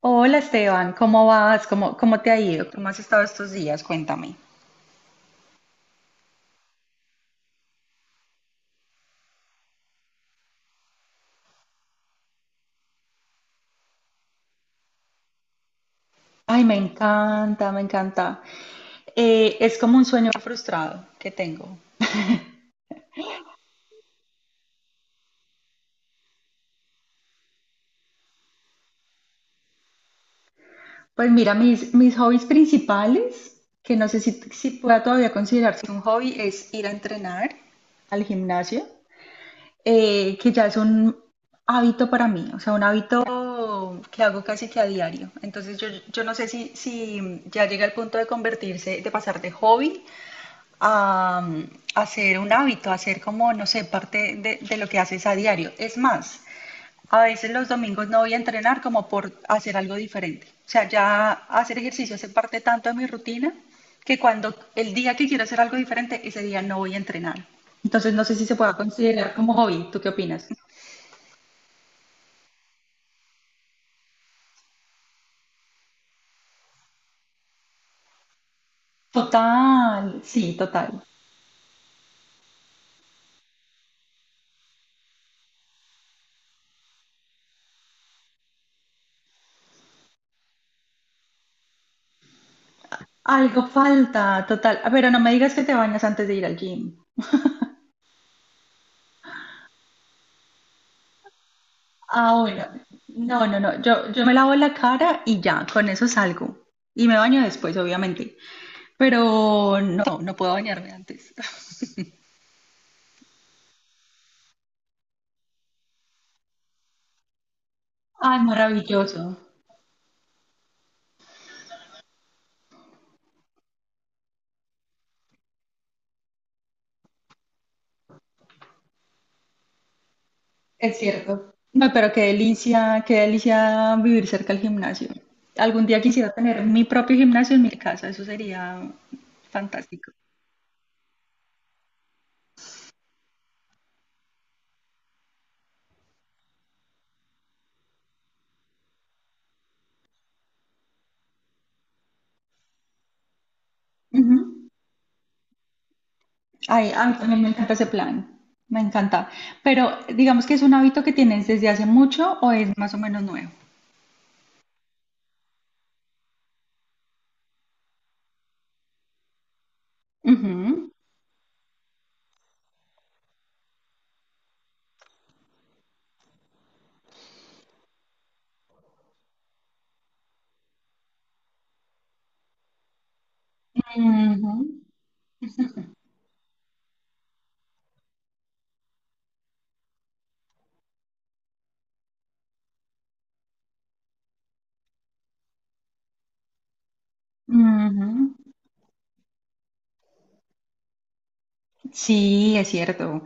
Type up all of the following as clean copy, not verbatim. Hola Esteban, ¿cómo vas? ¿Cómo, cómo te ha ido? ¿Cómo has estado estos días? Cuéntame. Ay, me encanta, me encanta. Es como un sueño frustrado que tengo. Pues mira, mis hobbies principales, que no sé si pueda todavía considerarse un hobby, es ir a entrenar al gimnasio, que ya es un hábito para mí, o sea, un hábito que hago casi que a diario. Entonces yo no sé si ya llega al punto de convertirse, de pasar de hobby a, a hacer un hábito, a hacer como, no sé, parte de lo que haces a diario. Es más, a veces los domingos no voy a entrenar como por hacer algo diferente. O sea, ya hacer ejercicio hace parte tanto de mi rutina que cuando el día que quiero hacer algo diferente, ese día no voy a entrenar. Entonces, no sé si se pueda considerar como hobby. ¿Tú qué opinas? Total, sí, total. Algo falta, total. Ah, pero no me digas que te bañas antes de ir al gym. Ah, bueno. No, no, no. Yo me lavo la cara y ya, con eso salgo. Y me baño después, obviamente. Pero no, no puedo bañarme antes. Ay, maravilloso. Es cierto. No, pero qué delicia vivir cerca del gimnasio. Algún día quisiera tener mi propio gimnasio en mi casa, eso sería fantástico. Ujú. Ay, a mí también me encanta ese plan. Me encanta. Pero digamos que es un hábito que tienes desde hace mucho o es más o menos nuevo. Ujú. Ujú, ujú. Sí, es cierto.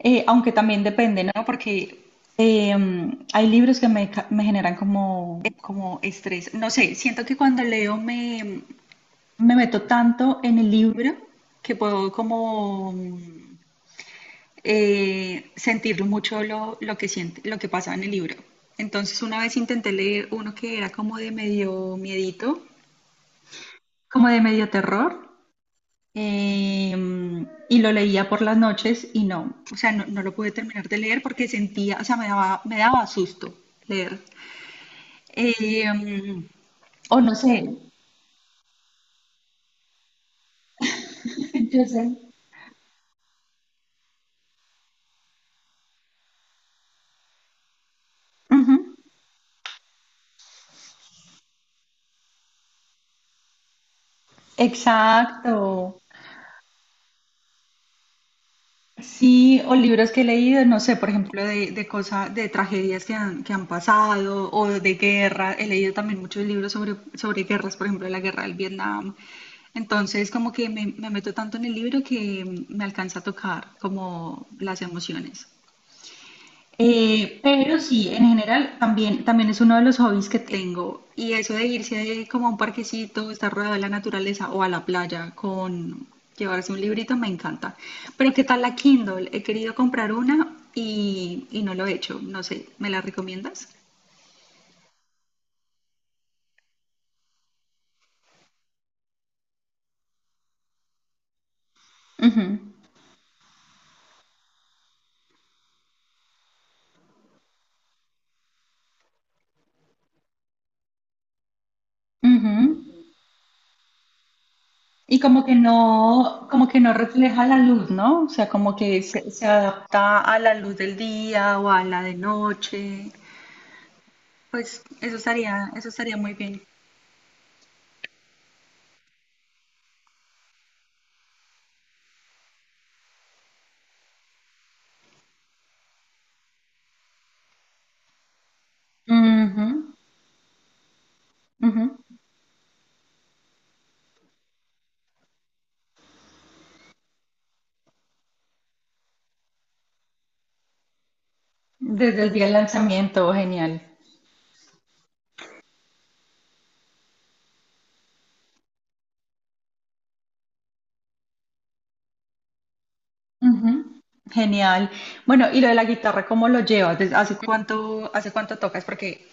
Aunque también depende, ¿no? Porque hay libros que me generan como, como estrés. No sé, siento que cuando leo me meto tanto en el libro que puedo como sentirlo mucho lo que siente, lo que pasa en el libro. Entonces una vez intenté leer uno que era como de medio miedito, como de medio terror. Y lo leía por las noches y no, o sea, no, no lo pude terminar de leer porque sentía, o sea, me daba susto leer. Eh, o no sé, entonces, ujú, exacto. Sí, o libros que he leído, no sé, por ejemplo, de cosas, de tragedias que que han pasado o de guerra. He leído también muchos libros sobre guerras, por ejemplo, la guerra del Vietnam. Entonces, como que me meto tanto en el libro que me alcanza a tocar como las emociones. Pero sí, en general también, también es uno de los hobbies que tengo. Y eso de irse ahí como a un parquecito, estar rodeado de la naturaleza o a la playa con llevarse un librito me encanta. Pero ¿qué tal la Kindle? He querido comprar una y no lo he hecho. No sé, ¿me la recomiendas? Ujú, ujú. Y como que no refleja la luz, ¿no? O sea, como que se adapta a la luz del día o a la de noche. Pues eso estaría muy bien. Ujú, ujú. Desde el día del lanzamiento, genial. Ujú, genial. Bueno, y lo de la guitarra, ¿cómo lo llevas? ¿Desde? Hace cuánto tocas? Porque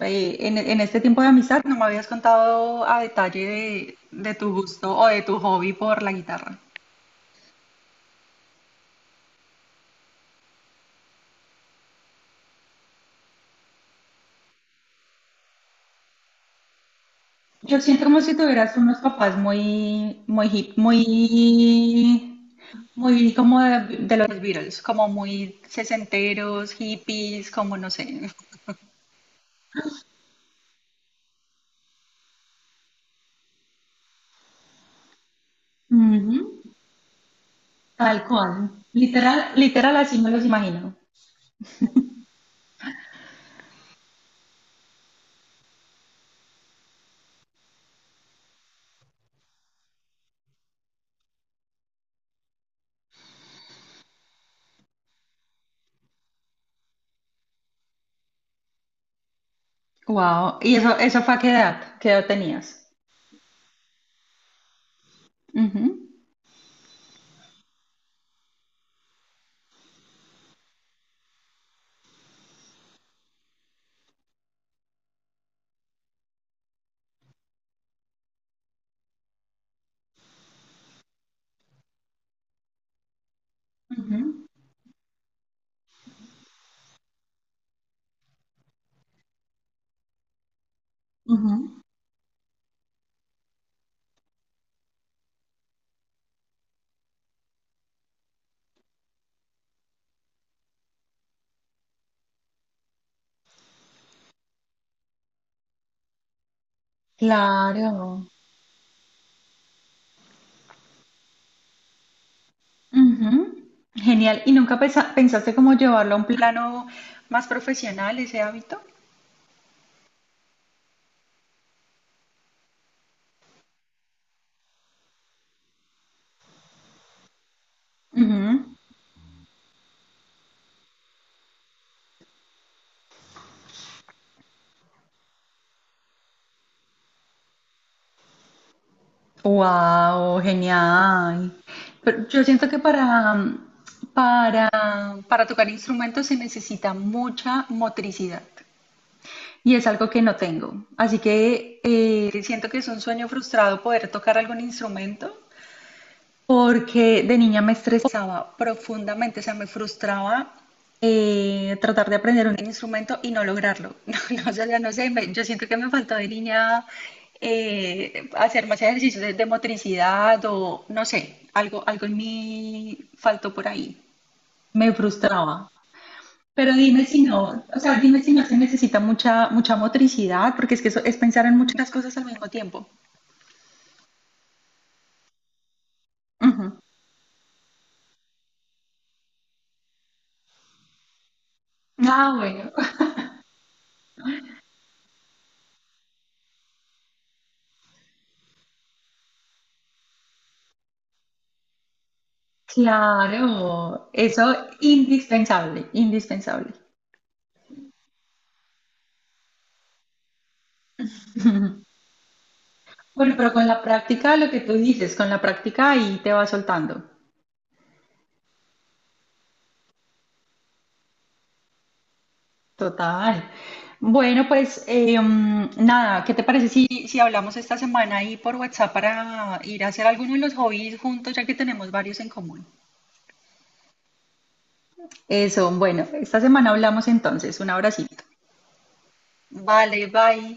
en este tiempo de amistad no me habías contado a detalle de tu gusto o de tu hobby por la guitarra. Yo siento como si tuvieras unos papás muy, muy hip, muy, muy como de los Beatles, como muy sesenteros, hippies, como no sé. Ujú. Tal cual. Literal, literal así me los imagino. Wow. ¿Y eso fue a qué edad? ¿Qué edad tenías? Ujú, ujú, ujú. Claro. Ujú. Genial. ¿Y nunca pensaste cómo llevarlo a un plano más profesional ese hábito? Wow, genial. Pero yo siento que para, para tocar instrumentos se necesita mucha motricidad. Y es algo que no tengo. Así que siento que es un sueño frustrado poder tocar algún instrumento porque de niña me estresaba profundamente, o sea, me frustraba tratar de aprender un instrumento y no lograrlo. No, no, o sea, no sé, yo siento que me faltó de niña hacer más ejercicios de motricidad o no sé, algo, algo en mí faltó por ahí. Me frustraba. Pero dime si no, o sea, dime si no se necesita mucha, mucha motricidad, porque es que eso es pensar en muchas cosas al mismo tiempo. Ujú. Ah, bueno. Claro, eso indispensable, indispensable. Bueno, pero con la práctica, lo que tú dices, con la práctica ahí te va soltando. Total. Bueno, pues nada, ¿qué te parece si hablamos esta semana ahí por WhatsApp para ir a hacer alguno de los hobbies juntos, ya que tenemos varios en común? Eso, bueno, esta semana hablamos entonces. Un abracito. Vale, bye.